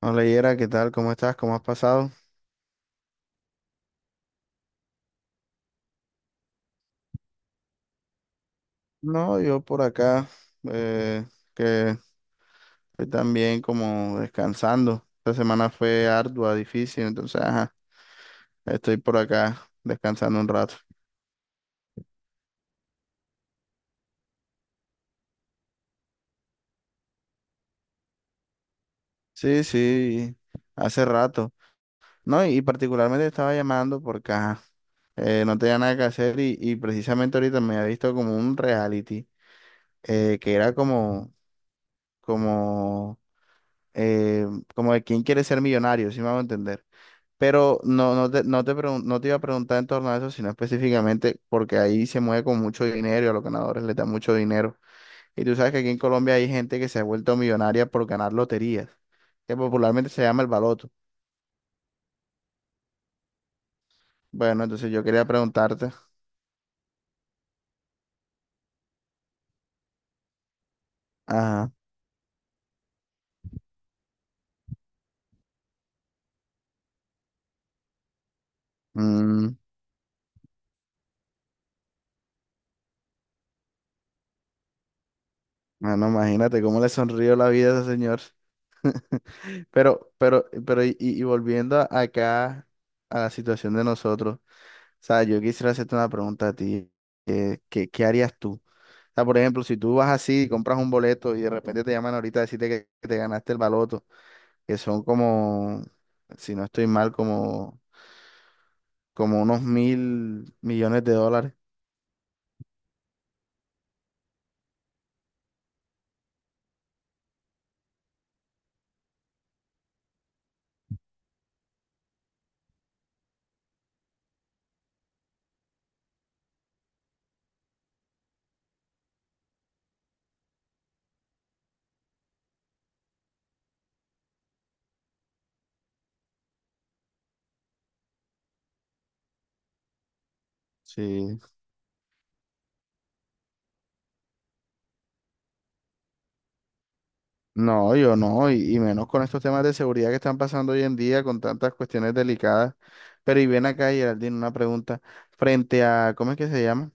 Hola Yera, ¿qué tal? ¿Cómo estás? ¿Cómo has pasado? No, yo por acá, eh, que estoy también como descansando. Esta semana fue ardua, difícil, entonces, ajá, estoy por acá descansando un rato. Sí, sí, hace rato. No, y particularmente estaba llamando porque, ajá, no tenía nada que hacer y precisamente ahorita me había visto como un reality, que era como, eh, como de quién quiere ser millonario, si me hago entender. Pero no te iba a preguntar en torno a eso, sino específicamente porque ahí se mueve con mucho dinero y a los ganadores les da mucho dinero. Y tú sabes que aquí en Colombia hay gente que se ha vuelto millonaria por ganar loterías, que popularmente se llama el baloto. Bueno, entonces yo quería preguntarte, ajá, mm, bueno, imagínate cómo le sonrió la vida a ese señor. Pero y volviendo acá a la situación de nosotros. O sea, yo quisiera hacerte una pregunta a ti. ¿Qué harías tú? O sea, por ejemplo, si tú vas así y compras un boleto y de repente te llaman ahorita a decirte que te ganaste el baloto, que son si no estoy mal, como unos 1.000 millones de dólares. Sí. No, yo no, y menos con estos temas de seguridad que están pasando hoy en día, con tantas cuestiones delicadas. Pero y ven acá, Geraldine, una pregunta. Frente a, ¿cómo es que se llama?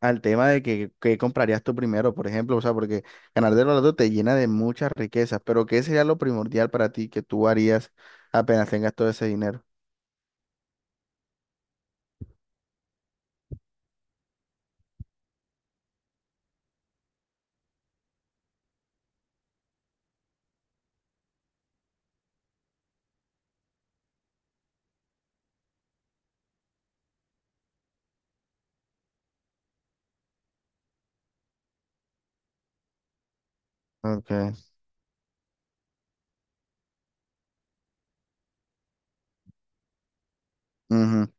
Al tema de que comprarías tú primero, por ejemplo, o sea, porque ganar del baloto te llena de muchas riquezas, pero ¿qué sería lo primordial para ti que tú harías apenas tengas todo ese dinero? Okay. Ujú.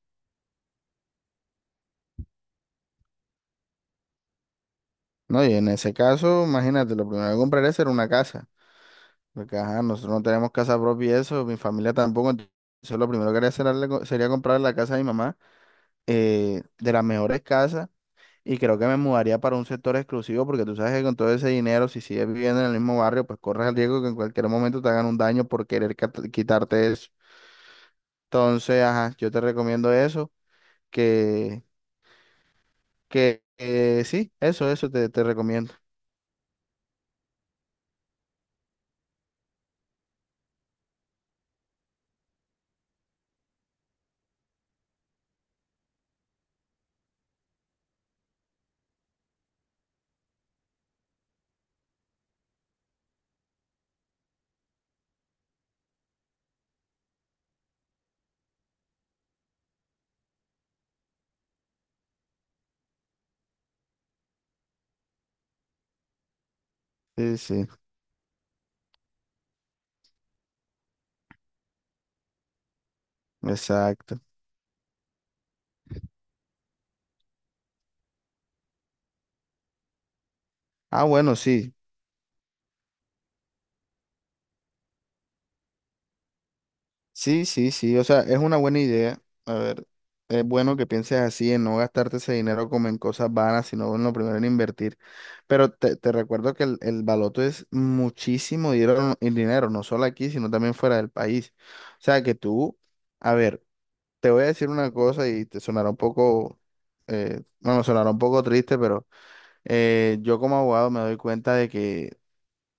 No, y en ese caso, imagínate, lo primero que compraría sería una casa, porque ajá, nosotros no tenemos casa propia y eso, mi familia tampoco, entonces lo primero que haría sería comprar la casa de mi mamá, de las mejores casas. Y creo que me mudaría para un sector exclusivo porque tú sabes que con todo ese dinero, si sigues viviendo en el mismo barrio, pues corres el riesgo que en cualquier momento te hagan un daño por querer quitarte eso. Entonces, ajá, yo te recomiendo eso, que, eso te, te recomiendo. Sí, sí, exacto. Ah, bueno, sí. Sí, sí, sí, o sea, es una buena idea. A ver, es bueno que pienses así, en no gastarte ese dinero como en cosas vanas, sino en lo primero en invertir. Pero te recuerdo que el baloto es muchísimo dinero, en dinero, no solo aquí, sino también fuera del país. O sea, que tú, a ver, te voy a decir una cosa y te sonará un poco, bueno, sonará un poco triste, pero yo como abogado me doy cuenta de que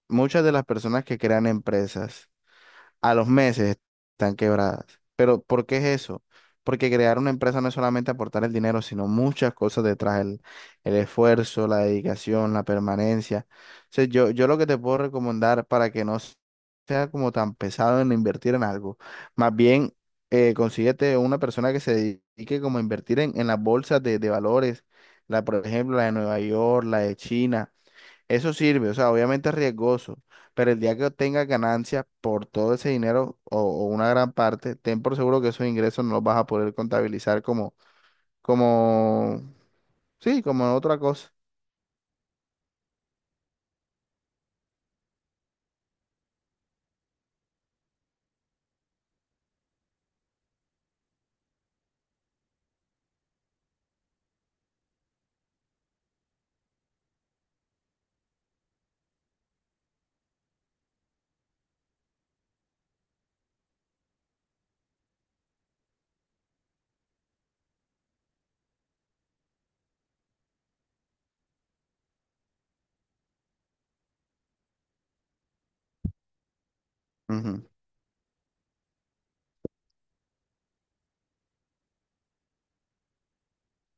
muchas de las personas que crean empresas, a los meses están quebradas. Pero ¿por qué es eso? Porque crear una empresa no es solamente aportar el dinero, sino muchas cosas detrás, el esfuerzo, la dedicación, la permanencia. O sea, yo lo que te puedo recomendar para que no sea como tan pesado en invertir en algo, más bien consíguete una persona que se dedique como a invertir en las bolsas de valores, la, por ejemplo, la de Nueva York, la de China eso sirve, o sea, obviamente es riesgoso, pero el día que obtengas ganancias por todo ese dinero o una gran parte, ten por seguro que esos ingresos no los vas a poder contabilizar como, sí, como otra cosa. Ujú.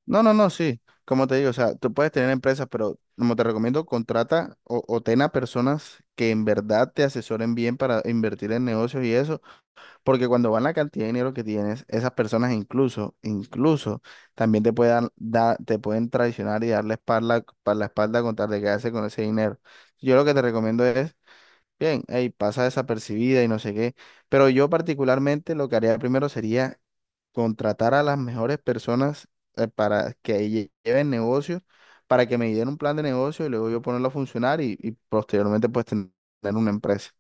No, no, no, sí. Como te digo, o sea, tú puedes tener empresas, pero como te recomiendo, contrata o ten a personas que en verdad te asesoren bien para invertir en negocios y eso. Porque cuando van la cantidad de dinero que tienes, esas personas incluso también te puedan dar te pueden traicionar y darle espalda, la espalda con tal de quedarse con ese dinero. Yo lo que te recomiendo es, bien, hey, pasa desapercibida y no sé qué. Pero yo particularmente lo que haría primero sería contratar a las mejores personas para que lleven negocios, para que me den un plan de negocio y luego yo ponerlo a funcionar y posteriormente pues tener una empresa.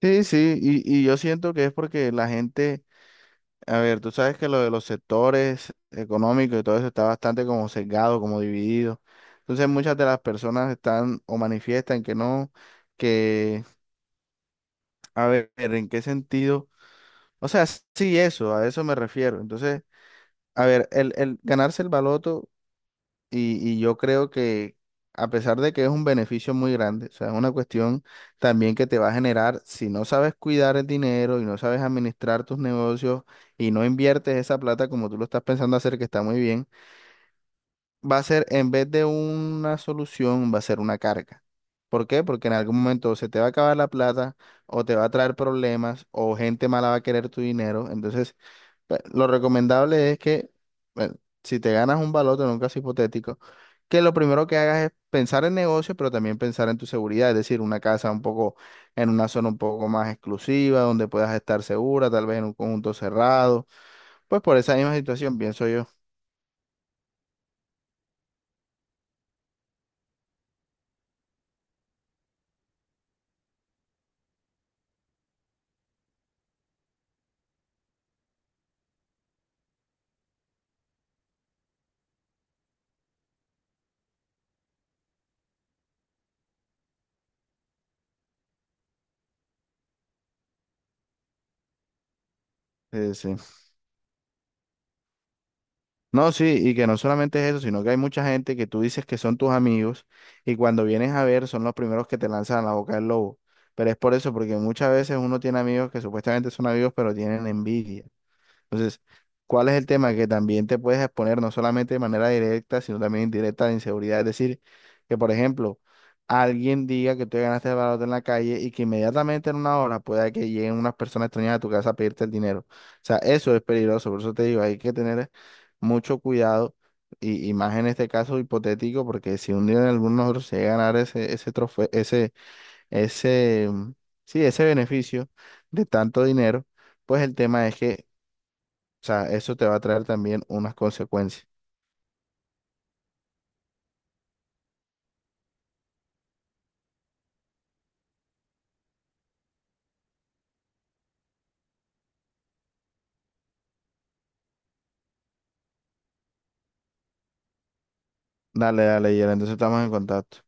Sí, sí, y yo siento que es porque la gente a ver, tú sabes que lo de los sectores económicos y todo eso está bastante como sesgado, como dividido. Entonces muchas de las personas están o manifiestan que no, que, a ver, ¿en qué sentido? O sea, sí, eso, a eso me refiero. Entonces, a ver, el ganarse el baloto y yo creo que a pesar de que es un beneficio muy grande, o sea, es una cuestión también que te va a generar, si no sabes cuidar el dinero y no sabes administrar tus negocios y no inviertes esa plata como tú lo estás pensando hacer, que está muy bien, va a ser en vez de una solución, va a ser una carga. ¿Por qué? Porque en algún momento se te va a acabar la plata o te va a traer problemas o gente mala va a querer tu dinero. Entonces, pues, lo recomendable es que, bueno, si te ganas un baloto en un caso hipotético, que lo primero que hagas es pensar en negocio, pero también pensar en tu seguridad, es decir, una casa un poco, en una zona un poco más exclusiva, donde puedas estar segura, tal vez en un conjunto cerrado, pues por esa misma situación, pienso yo. Sí, sí. No, sí, y que no solamente es eso, sino que hay mucha gente que tú dices que son tus amigos y cuando vienes a ver son los primeros que te lanzan a la boca del lobo. Pero es por eso, porque muchas veces uno tiene amigos que supuestamente son amigos, pero tienen envidia. Entonces, ¿cuál es el tema? Que también te puedes exponer no solamente de manera directa, sino también indirecta a la inseguridad. Es decir, que por ejemplo, alguien diga que tú te ganaste el baloto en la calle y que inmediatamente en 1 hora pueda que lleguen unas personas extrañas a tu casa a pedirte el dinero. O sea, eso es peligroso. Por eso te digo, hay que tener mucho cuidado y más en este caso hipotético, porque si un día en alguno de nosotros se llega a ganar ese trofeo, ese, mm, sí, ese beneficio de tanto dinero, pues el tema es que sea, eso te va a traer también unas consecuencias. Dale, dale, Yera, entonces estamos en contacto.